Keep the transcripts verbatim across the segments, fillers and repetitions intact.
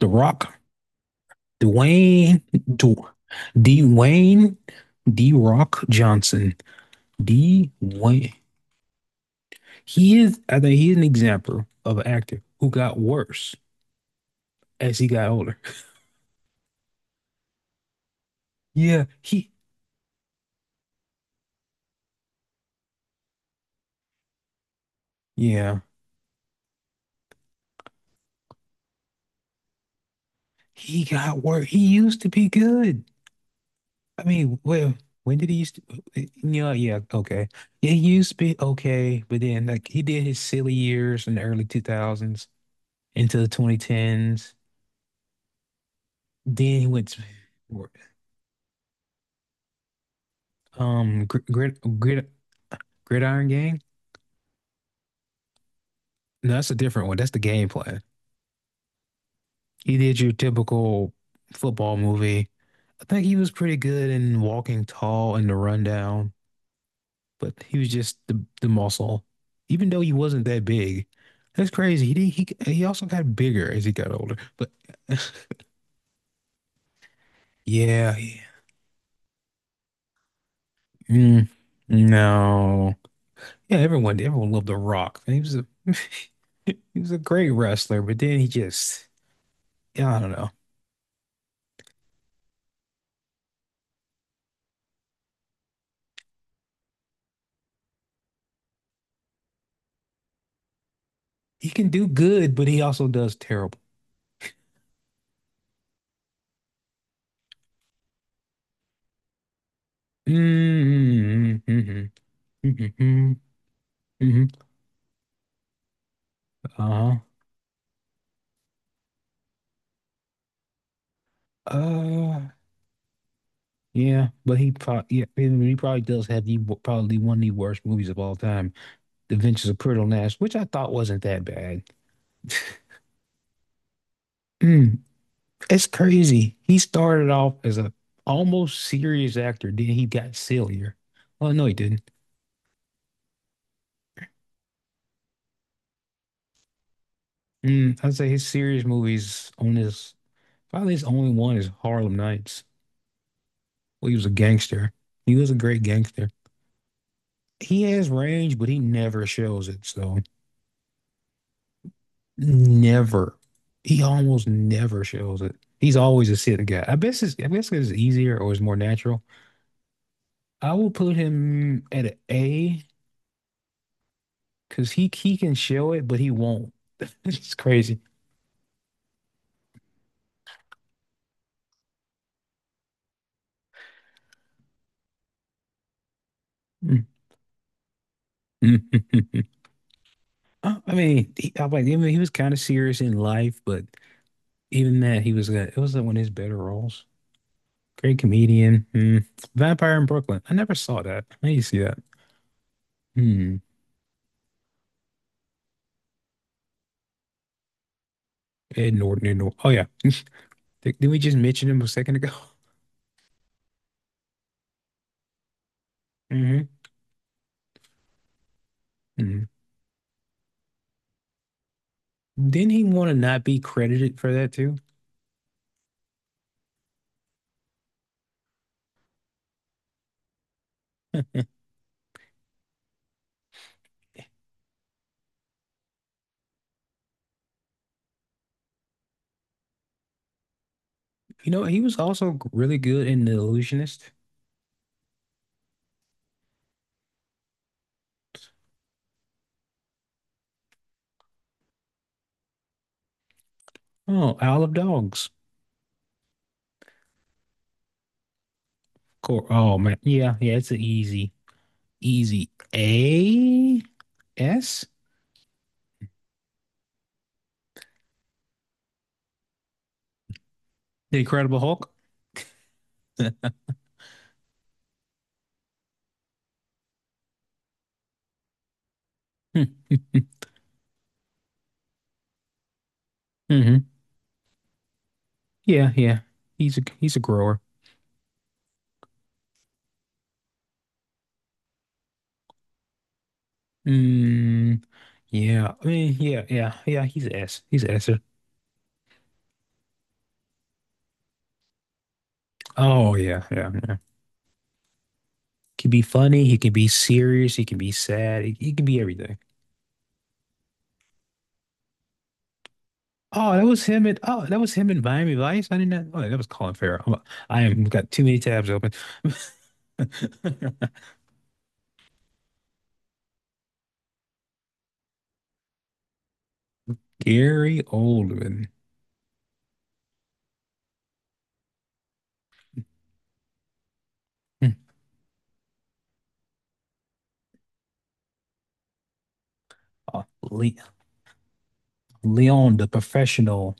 The Rock, Dwayne, Dw- Dwayne, D Rock Johnson, Dwayne. He is, I think he's an example of an actor who got worse as he got older. Yeah, he, yeah, he got worse. He used to be good. I mean, well, when did he used to? Yeah, yeah, okay. Yeah, he used to be okay, but then like he did his silly years in the early two thousands into the twenty tens. Then he went to, Um, grid, grid, grid, Gridiron Gang? No, that's a different one. That's the game plan. He did your typical football movie. I think he was pretty good in Walking Tall and The Rundown, but he was just the the muscle. Even though he wasn't that big, that's crazy. He did, he he also got bigger as he got older. But yeah, he- mm, no, yeah, everyone everyone loved The Rock. He was a he was a great wrestler, but then he just yeah, I don't know. He can do good, but he also does terrible. Mm-hmm, mm-hmm, mm-hmm. Hmm. Uh-huh. Uh, yeah, but he probably, yeah, he probably does have the probably one of the worst movies of all time, The Adventures of Pretty Nash, which I thought wasn't that bad. Mm, it's crazy. He started off as a almost serious actor, then he got sillier. Well, no, he didn't. Mm, I'd say his serious movies on his probably his only one is Harlem Nights. Well, he was a gangster. He was a great gangster. He has range, but he never shows it. So never. He almost never shows it. He's always a sit guy. I guess it's I guess it's easier or it's more natural. I will put him at an A because he he can show it, but he won't. It's crazy. I mean, he, I like. I mean, he was kind of serious in life, but even that, he was. Uh, It was uh, one of his better roles. Great comedian. Hmm. Vampire in Brooklyn. I never saw that. I need to see that. Hmm. Ed Norton. Ed Norton. Oh yeah. Did, did we just mention him a second ago? Hmm. Hmm. Didn't he want to not be credited for that too? You know, he was also g- really good in The Illusionist. Oh, Isle of Dogs. Cool. Oh man. Yeah, yeah, it's an easy, easy A. S. The Incredible Hulk. Hmm. Mm-hmm. Yeah, yeah. He's a he's a grower. Hmm. Yeah, I mean, yeah, yeah, yeah. He's an ass. He's an ass. Oh yeah, yeah, yeah. He can be funny. He can be serious. He can be sad. He, he can be everything. Oh, that was him at. Oh, that was him in Miami Vice. I didn't know- Oh, that was Colin Farrell. I'm, I am got too many tabs open. Gary Oldman. Hmm. Oh, Le Leon, the professional.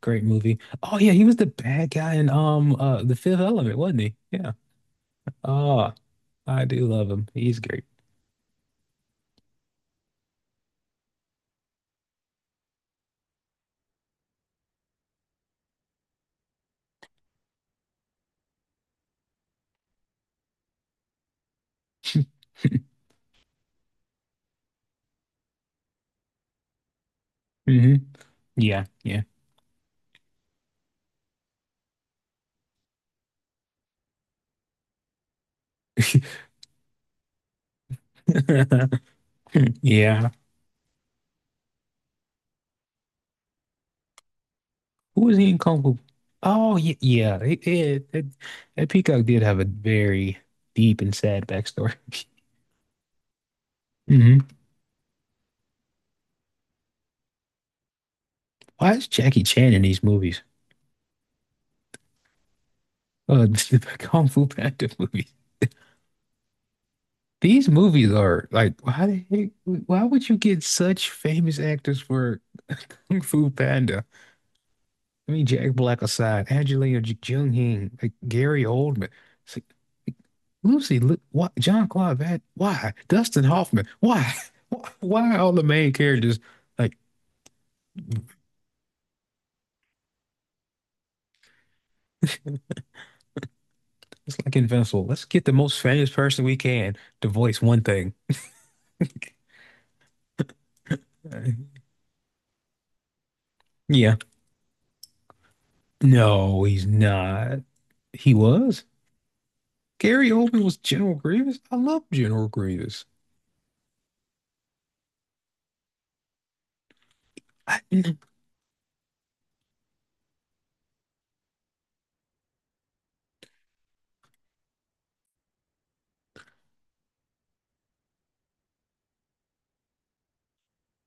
Great movie. Oh yeah, he was the bad guy in um uh The Fifth Element, wasn't he? Yeah. Oh, I do love him. He's great. Hmm. Yeah, yeah. Yeah. Who was he in Kung Fu? Oh, yeah. Yeah. It, it, it, that Peacock did have a very deep and sad backstory. Hmm. Why is Jackie Chan in these movies? Uh, the Kung Fu Panda movies. These movies are like, why the heck, why would you get such famous actors for Kung Fu Panda? I mean, Jack Black aside, Angelina J- Jolie, like Gary Oldman, it's like, like, Lucy, look, why, John Claude Van, why? Dustin Hoffman, why? Why why are all the main characters like it's like Invincible? Let's get the most famous person we can to voice one thing. Yeah, no, he's not. He was. Gary Oldman was General Grievous. I love General Grievous. I-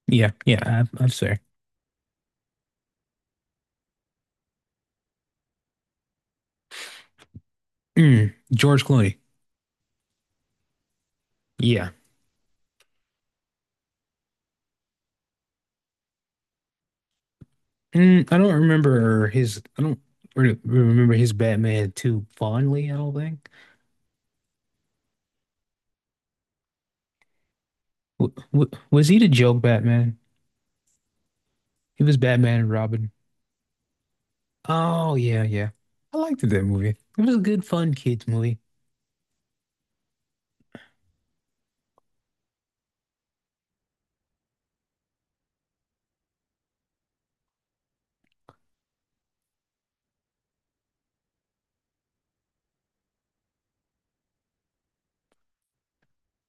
yeah, yeah, I, I'm sorry. Mm, George Clooney. Yeah. Mm, I don't remember his. I don't re remember his Batman too fondly. I don't think. W w was he the joke Batman? He was Batman and Robin. Oh yeah, yeah. I liked that movie. It was a good, fun kids movie.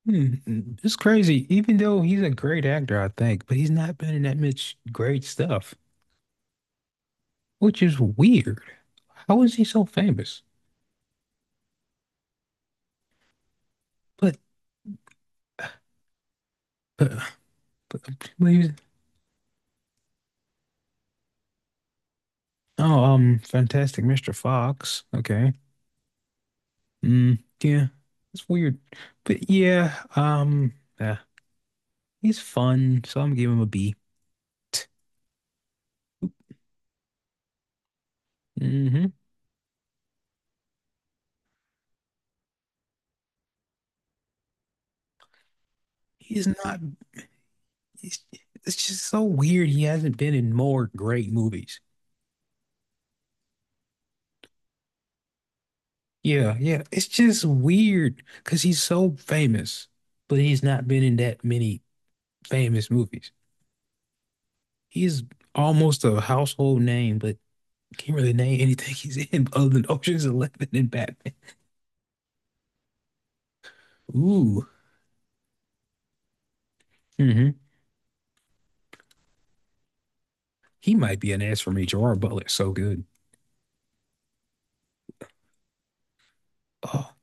Hmm, hmm, it's crazy. Even though he's a great actor, I think, but he's not been in that much great stuff, which is weird. How is he so famous? But but but, but he was, oh um, Fantastic mister Fox. Okay. Mm, yeah, it's weird, but yeah, um, yeah, he's fun, so I'm gonna give him a B. Mm-hmm. He's not. He's, it's just so weird. He hasn't been in more great movies. Yeah, yeah, it's just weird because he's so famous, but he's not been in that many famous movies. He's almost a household name, but can't really name anything he's in other than Ocean's eleven and Batman. Ooh. Hmm. He might be an S for me. Gerard Butler's so good. Oh,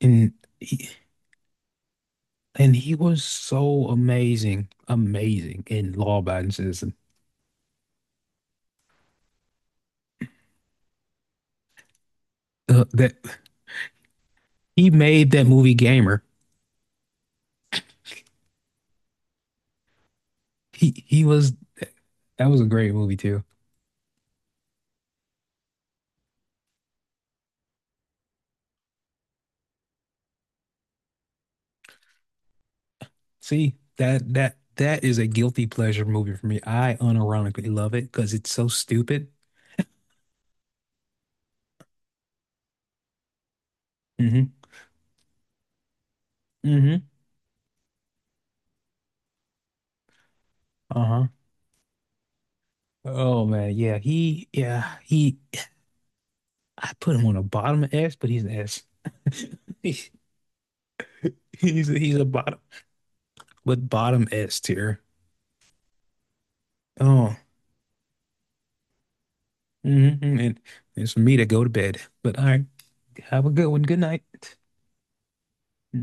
And he, and he was so amazing, amazing in Law Abiding Citizen. Uh, that he made that movie gamer. He he was that was a great movie too. See, that that that is a guilty pleasure movie for me. I unironically love it because it's so stupid. Hmm. Hmm. Uh-huh. Oh man, yeah. He yeah, he, I put him on a bottom S, but he's an S. He's he's a bottom, but bottom S tier. Oh. Hmm. And it's for me to go to bed. But all right, have a good one. Good night.